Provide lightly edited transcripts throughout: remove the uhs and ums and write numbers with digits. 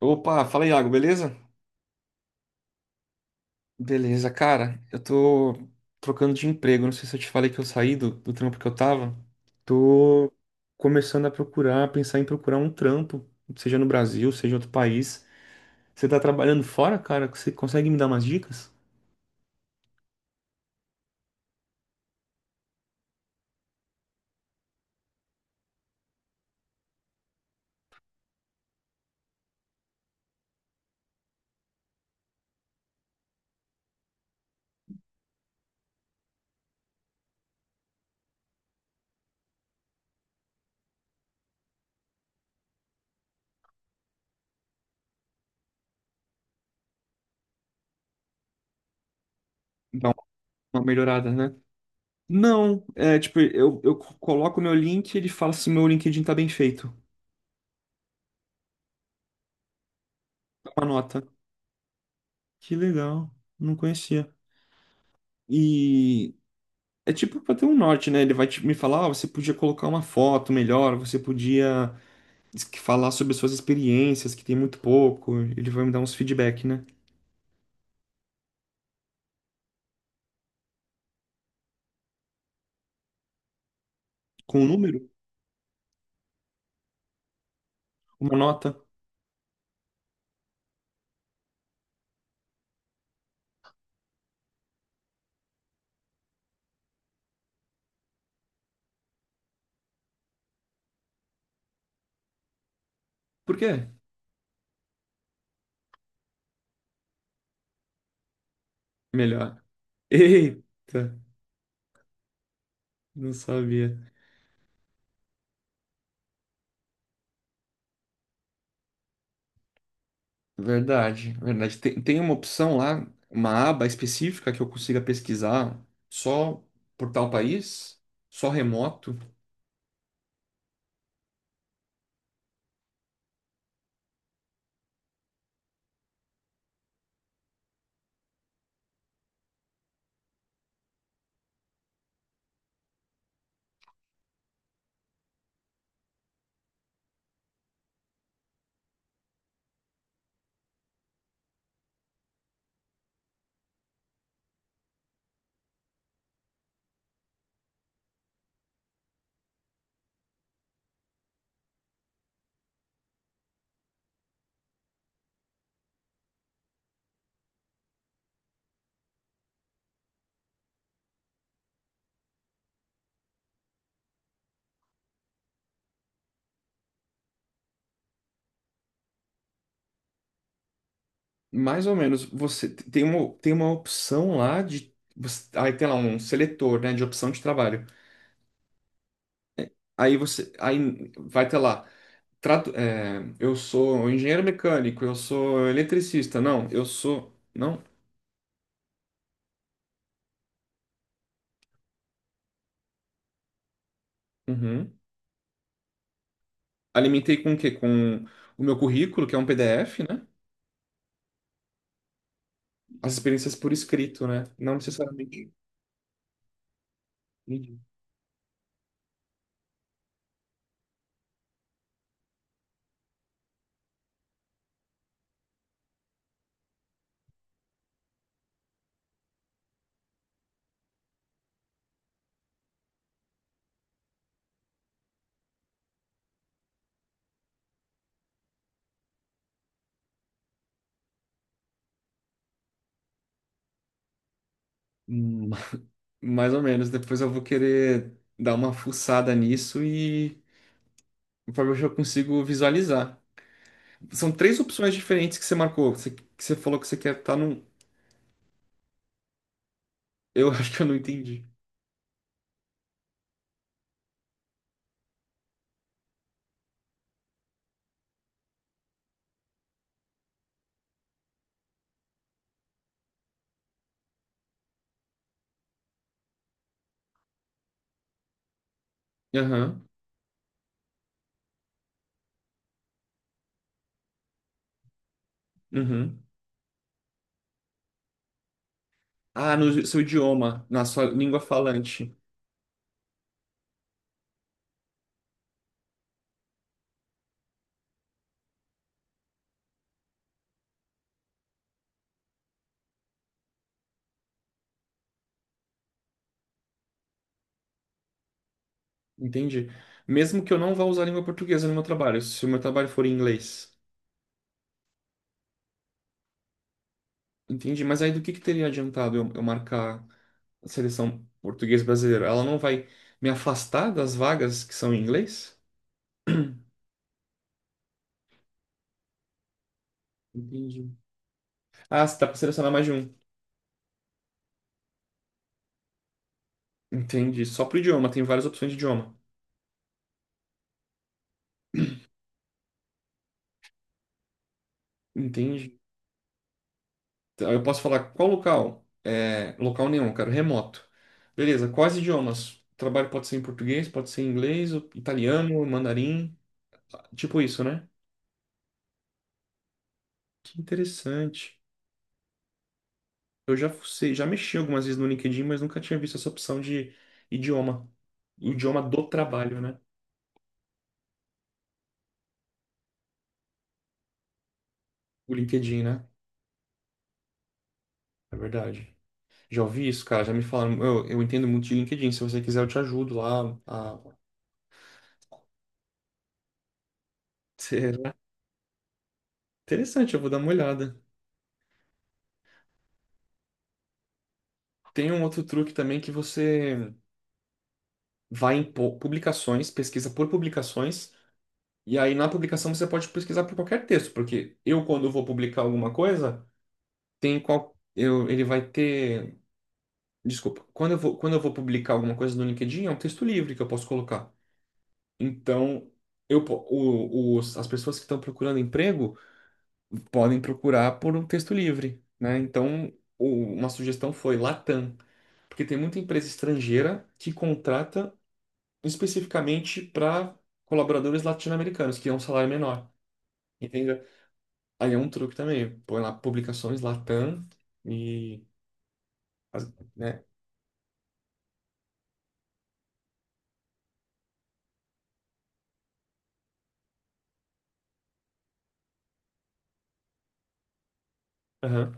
Opa, fala Iago, beleza? Beleza, cara, eu tô trocando de emprego. Não sei se eu te falei que eu saí do trampo que eu tava. Tô começando a procurar, pensar em procurar um trampo, seja no Brasil, seja em outro país. Você tá trabalhando fora, cara? Você consegue me dar umas dicas? Dá uma melhorada, né? Não, é tipo, eu coloco meu link e ele fala se meu LinkedIn tá bem feito. Dá uma nota. Que legal, não conhecia. E é tipo pra ter um norte, né? Me falar, ah, você podia colocar uma foto melhor, você podia falar sobre as suas experiências, que tem muito pouco. Ele vai me dar uns feedback, né? Com um número, uma nota. Por quê? Melhor. Eita, não sabia. Verdade, verdade. Tem, tem uma opção lá, uma aba específica que eu consiga pesquisar só por tal país, só remoto. Mais ou menos, você tem uma opção lá de. Aí tem lá um seletor, né, de opção de trabalho. Aí você. Aí vai ter lá. É, eu sou engenheiro mecânico, eu sou eletricista. Não, eu sou. Não? Uhum. Alimentei com o quê? Com o meu currículo, que é um PDF, né? As experiências por escrito, né? Não necessariamente. Entendi. Hum, Mais ou menos. Depois eu vou querer dar uma fuçada nisso e. Para ver se eu consigo visualizar. São três opções diferentes que você marcou. Que você falou que você quer estar num. Eu acho que eu não entendi. Aham. Uhum. Ah, no seu idioma, na sua língua falante. Entendi. Mesmo que eu não vá usar a língua portuguesa no meu trabalho, se o meu trabalho for em inglês. Entendi. Mas aí do que teria adiantado eu marcar a seleção portuguesa brasileira? Ela não vai me afastar das vagas que são em inglês? Entendi. Ah, você dá pra selecionar mais de um. Entendi. Só pro idioma, tem várias opções de idioma. Entendi. Então, eu posso falar qual local? É, local nenhum, eu quero remoto. Beleza, quais idiomas? O trabalho pode ser em português, pode ser em inglês, italiano, mandarim, tipo isso, né? Que interessante. Eu já fucei, já mexi algumas vezes no LinkedIn, mas nunca tinha visto essa opção de idioma. O idioma do trabalho, né? O LinkedIn, né? É verdade. Já ouvi isso, cara, já me falaram. Eu entendo muito de LinkedIn, se você quiser eu te ajudo lá a... Será? Interessante, eu vou dar uma olhada. Tem um outro truque também que você vai em publicações, pesquisa por publicações, e aí na publicação você pode pesquisar por qualquer texto, porque eu, quando vou publicar alguma coisa, tem qual. Eu, ele vai ter. Desculpa, quando eu vou publicar alguma coisa no LinkedIn, é um texto livre que eu posso colocar. Então, eu, po- o- os, as pessoas que estão procurando emprego podem procurar por um texto livre, né? Então, uma sugestão foi Latam, porque tem muita empresa estrangeira que contrata especificamente para colaboradores latino-americanos, que é um salário menor, entende? Aí é um truque também, põe lá publicações Latam e, né? Aham.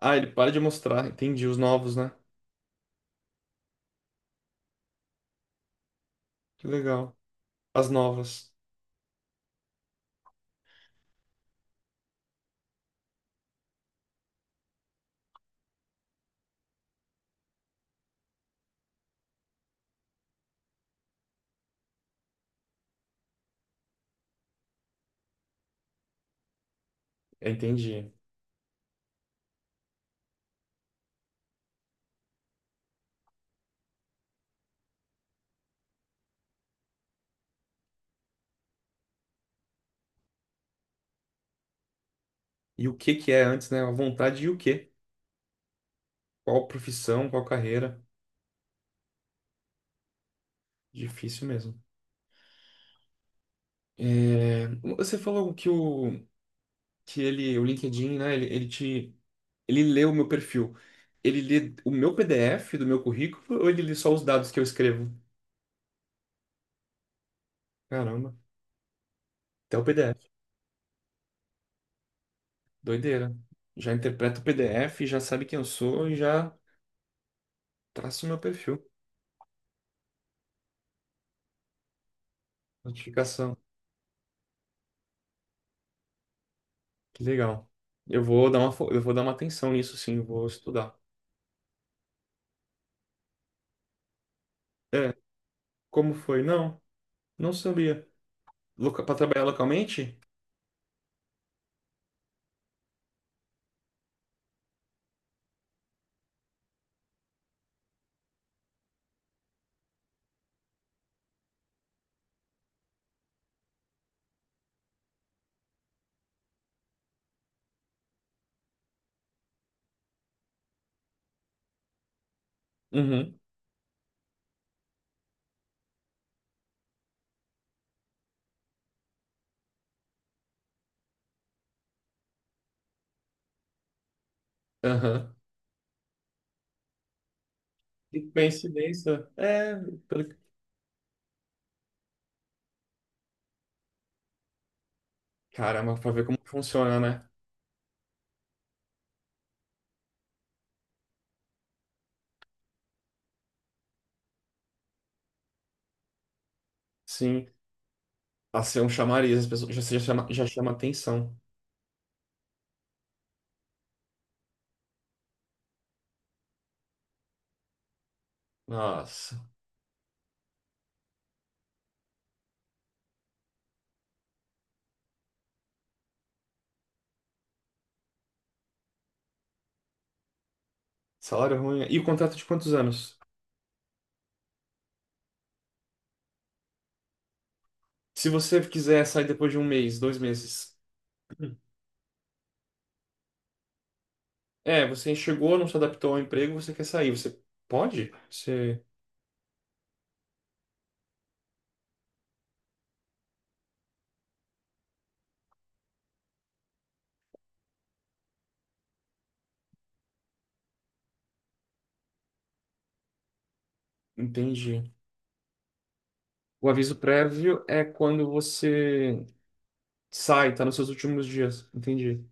Ah, ele para de mostrar, entendi, os novos, né? Que legal. As novas, é, entendi. E o que que é antes, né? A vontade e o quê? Qual profissão, qual carreira? Difícil mesmo. É, você falou que o LinkedIn, né? Ele, ele te. Ele lê o meu perfil. Ele lê o meu PDF do meu currículo ou ele lê só os dados que eu escrevo? Caramba, até o PDF. Doideira. Já interpreta o PDF, já sabe quem eu sou e já traça o meu perfil. Notificação. Que legal. Eu vou dar uma, eu vou dar uma atenção nisso, sim, eu vou estudar. É, como foi? Não, não sabia. Loca... Para trabalhar localmente? Uhum. Aham. Que coincidência. É, pelo... Caramba, para ver como funciona, né? Sim. Nossa, é um chamariz, as pessoas já, já chama atenção. Nossa, salário ruim. E o contrato de quantos anos? Se você quiser sair depois de um mês, dois meses. É, você chegou, não se adaptou ao emprego, você quer sair. Você pode? Você entende? O aviso prévio é quando você sai, tá nos seus últimos dias. Entendi.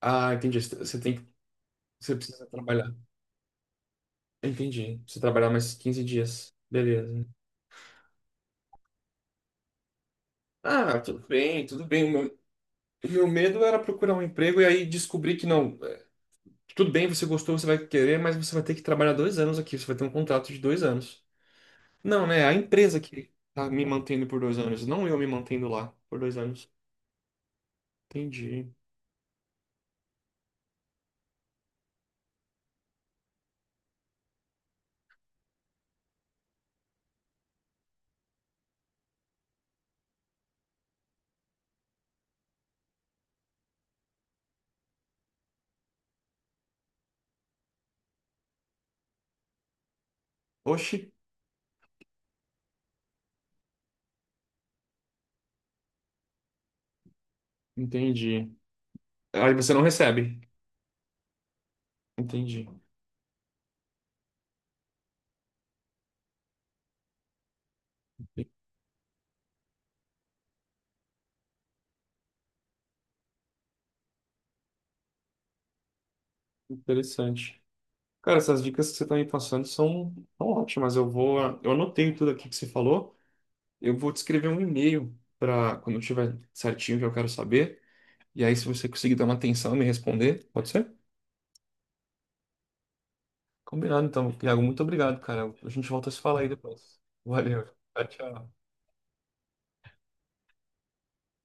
Ah, entendi. Você tem que, você precisa trabalhar. Entendi. Você trabalhar mais 15 dias. Beleza. Ah, tudo bem, tudo bem. O meu medo era procurar um emprego e aí descobrir que não, tudo bem, você gostou, você vai querer, mas você vai ter que trabalhar 2 anos aqui, você vai ter um contrato de 2 anos. Não, né? A empresa que tá me mantendo por 2 anos, não eu me mantendo lá por 2 anos. Entendi. Oxi, entendi. Aí você não recebe. Entendi. Interessante. Cara, essas dicas que você tá me passando são, são ótimas. Eu vou, eu anotei tudo aqui que você falou. Eu vou te escrever um e-mail para quando eu tiver certinho o que eu quero saber. E aí, se você conseguir dar uma atenção e me responder, pode ser? Combinado, então. Iago, muito obrigado, cara. A gente volta a se falar aí depois. Valeu. Tchau, tchau.